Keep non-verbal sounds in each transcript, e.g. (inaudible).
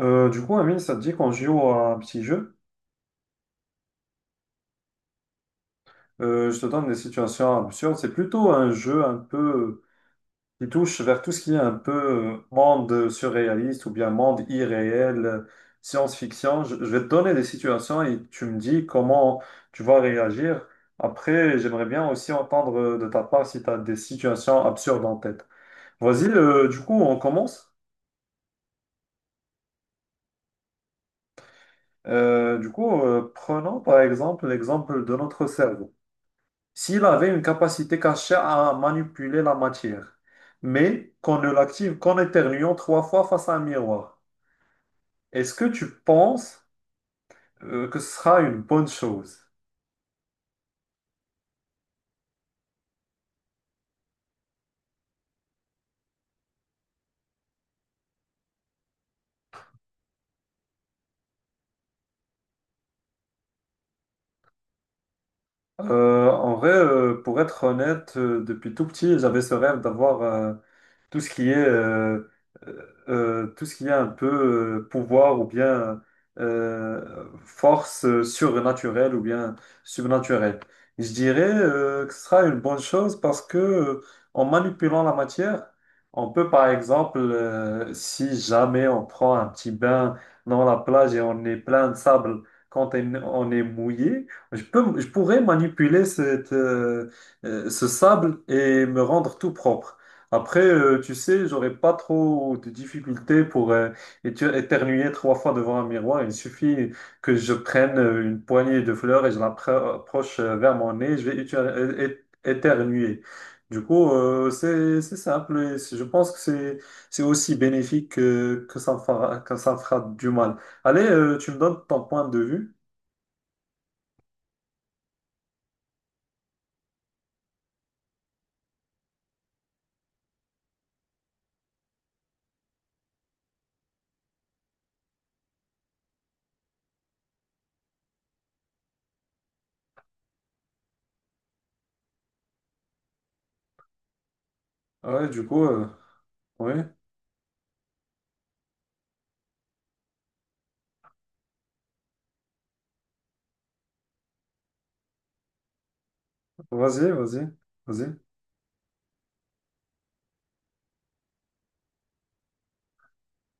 Amine, ça te dit qu'on joue à un petit jeu? Je te donne des situations absurdes. C'est plutôt un jeu un peu qui touche vers tout ce qui est un peu monde surréaliste ou bien monde irréel, science-fiction. Je vais te donner des situations et tu me dis comment tu vas réagir. Après, j'aimerais bien aussi entendre de ta part si tu as des situations absurdes en tête. Vas-y, on commence. Prenons par exemple l'exemple de notre cerveau. S'il avait une capacité cachée à manipuler la matière, mais qu'on ne l'active qu'en éternuant trois fois face à un miroir. Est-ce que tu penses que ce sera une bonne chose? Pour être honnête, depuis tout petit, j'avais ce rêve d'avoir tout ce qui est tout ce qui est un peu pouvoir ou bien force surnaturelle ou bien subnaturelle. Je dirais que ce sera une bonne chose parce que en manipulant la matière, on peut par exemple, si jamais on prend un petit bain dans la plage et on est plein de sable quand on est mouillé, je pourrais manipuler ce sable et me rendre tout propre. Après, tu sais, j'aurais pas trop de difficultés pour éternuer trois fois devant un miroir. Il suffit que je prenne une poignée de fleurs et je l'approche vers mon nez, je vais éternuer. Du coup, c'est simple et je pense que c'est aussi bénéfique que ça me fera, que ça me fera du mal. Allez, tu me donnes ton point de vue. Ouais, ouais, vas-y, vas-y, vas-y,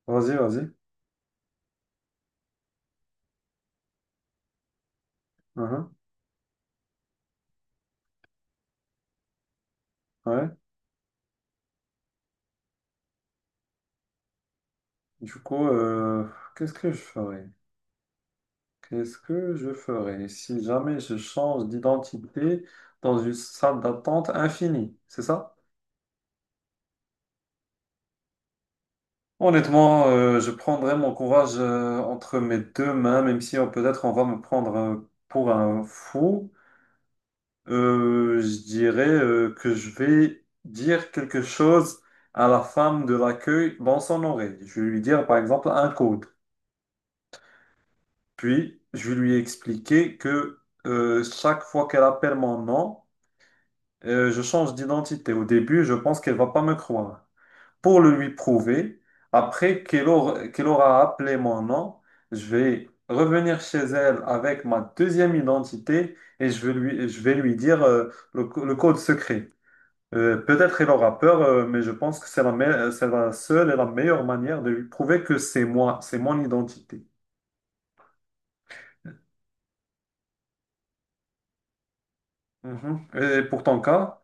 vas-y. Mhm, ouais. Du coup, qu'est-ce que je ferais? Qu'est-ce que je ferais si jamais je change d'identité dans une salle d'attente infinie, c'est ça? Honnêtement, je prendrais mon courage entre mes deux mains, même si peut-être on va me prendre pour un fou. Je dirais que je vais dire quelque chose à la femme de l'accueil dans son oreille. Je vais lui dire par exemple un code. Puis, je lui ai expliqué que chaque fois qu'elle appelle mon nom, je change d'identité. Au début, je pense qu'elle va pas me croire. Pour le lui prouver, après qu'elle aura appelé mon nom, je vais revenir chez elle avec ma deuxième identité et je vais lui dire le code secret. Peut-être elle aura peur, mais je pense que c'est la seule et la meilleure manière de lui prouver que c'est moi, c'est mon identité. Mhm. Et pour ton cas?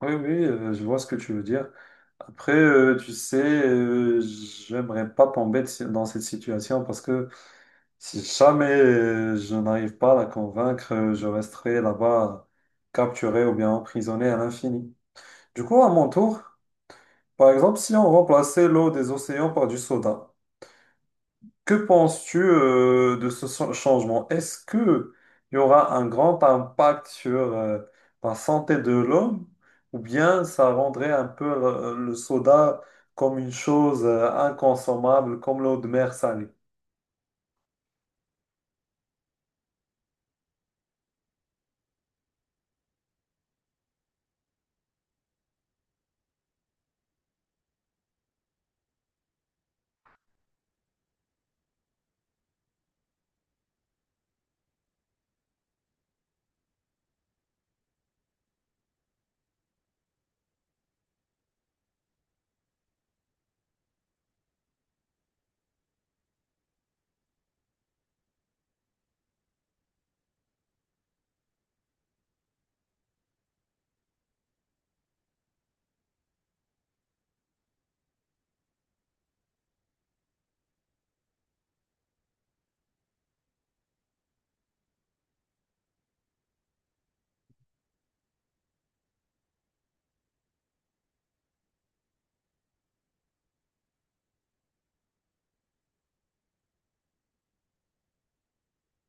Oui, oui, je vois ce que tu veux dire. Après, tu sais, j'aimerais pas tomber de si- dans cette situation parce que si jamais je n'arrive pas à la convaincre, je resterai là-bas capturé ou bien emprisonné à l'infini. Du coup, à mon tour, par exemple, si on remplaçait l'eau des océans par du soda. Que penses-tu de changement? Est-ce que il y aura un grand impact sur la santé de l'homme ou bien ça rendrait un peu soda comme une chose inconsommable, comme l'eau de mer salée?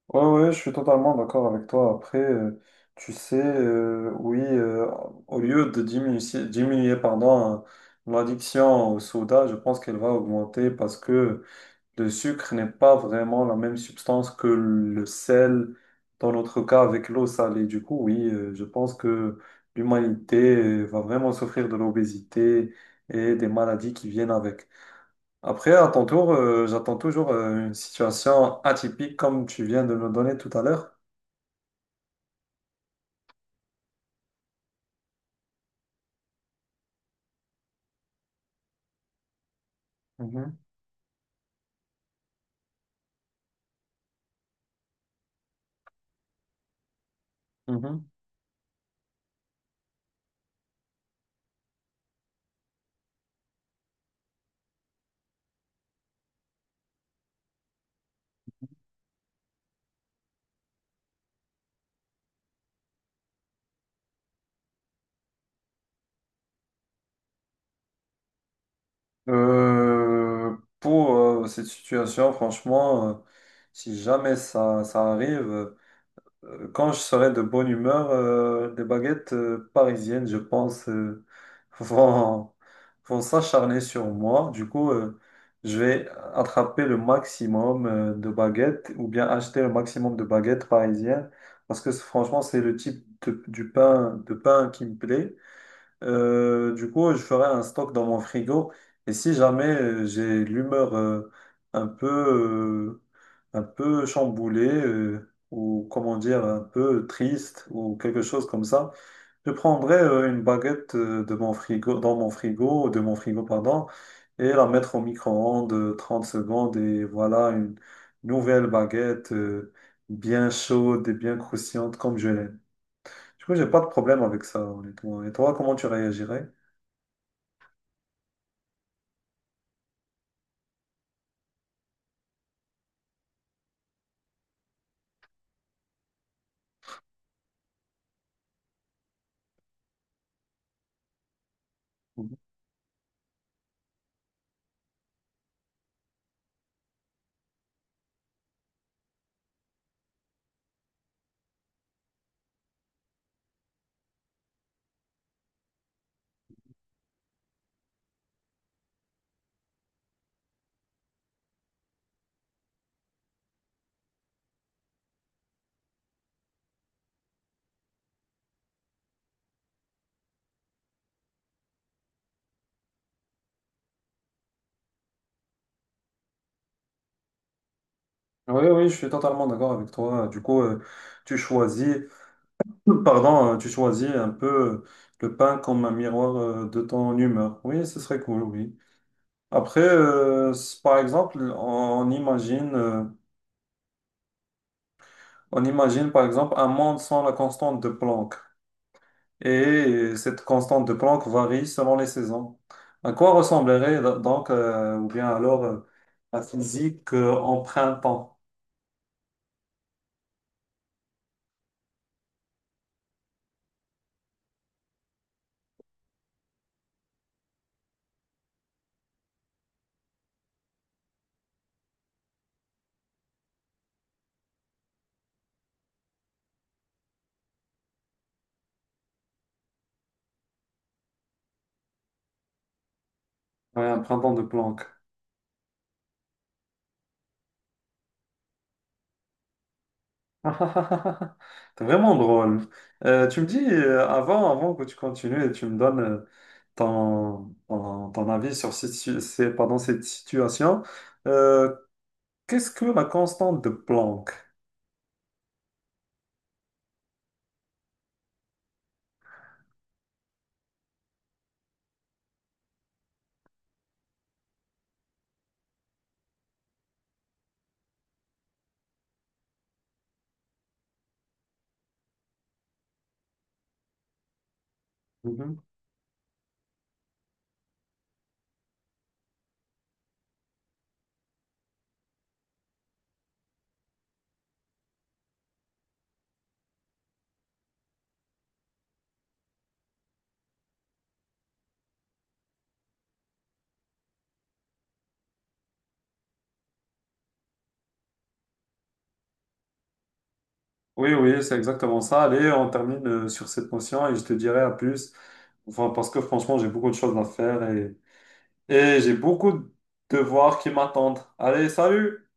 Oui, ouais, ouais, je suis totalement d'accord avec toi. Après, tu sais, oui, au lieu de diminuer, pardon, hein, l'addiction au soda, je pense qu'elle va augmenter parce que le sucre n'est pas vraiment la même substance que le sel, dans notre cas avec l'eau salée. Du coup, oui, je pense que l'humanité va vraiment souffrir de l'obésité et des maladies qui viennent avec. Après, à ton tour, j'attends toujours une situation atypique comme tu viens de me donner tout à l'heure. Mhm, mhm. Pour cette situation, franchement, si jamais ça arrive, quand je serai de bonne humeur, des baguettes parisiennes, je pense, (laughs) vont, vont s'acharner sur moi. Je vais attraper le maximum de baguettes ou bien acheter le maximum de baguettes parisiennes parce que franchement, c'est du pain, de pain qui me plaît. Je ferai un stock dans mon frigo. Et si jamais j'ai l'humeur un peu, euh, un peu chamboulée ou comment dire, un peu triste ou quelque chose comme ça, je prendrai une baguette dans mon frigo, de mon frigo, pardon, et la mettre au micro-ondes 30 secondes. Et voilà une nouvelle baguette bien chaude et bien croustillante comme je l'aime. Du coup, j'ai pas de problème avec ça, honnêtement. Et toi, comment tu réagirais? Oui, oui, je suis totalement d'accord avec toi. Tu choisis, (clears throat) pardon, tu choisis un peu euh, le pain comme un miroir de ton humeur. Oui, ce serait cool, oui. Après, par exemple, on imagine par exemple un monde sans la constante de Planck. Et cette constante de Planck varie selon les saisons. À quoi ressemblerait donc, ou bien alors, la physique en printemps? Ouais, un printemps de Planck. (laughs) Ah, ah, ah, ah, ah. T'es vraiment drôle. Tu me dis, avant que tu continues et tu me donnes ton avis sur cette, si- c'est- pardon, cette situation, euh, qu'est-ce que la constante de Planck? Mhm. Oui, oui, c'est exactement ça. Allez, on termine sur cette notion et je te dirai à plus. Enfin, parce que franchement, j'ai beaucoup de choses à faire et j'ai beaucoup de devoirs qui m'attendent. Allez, salut!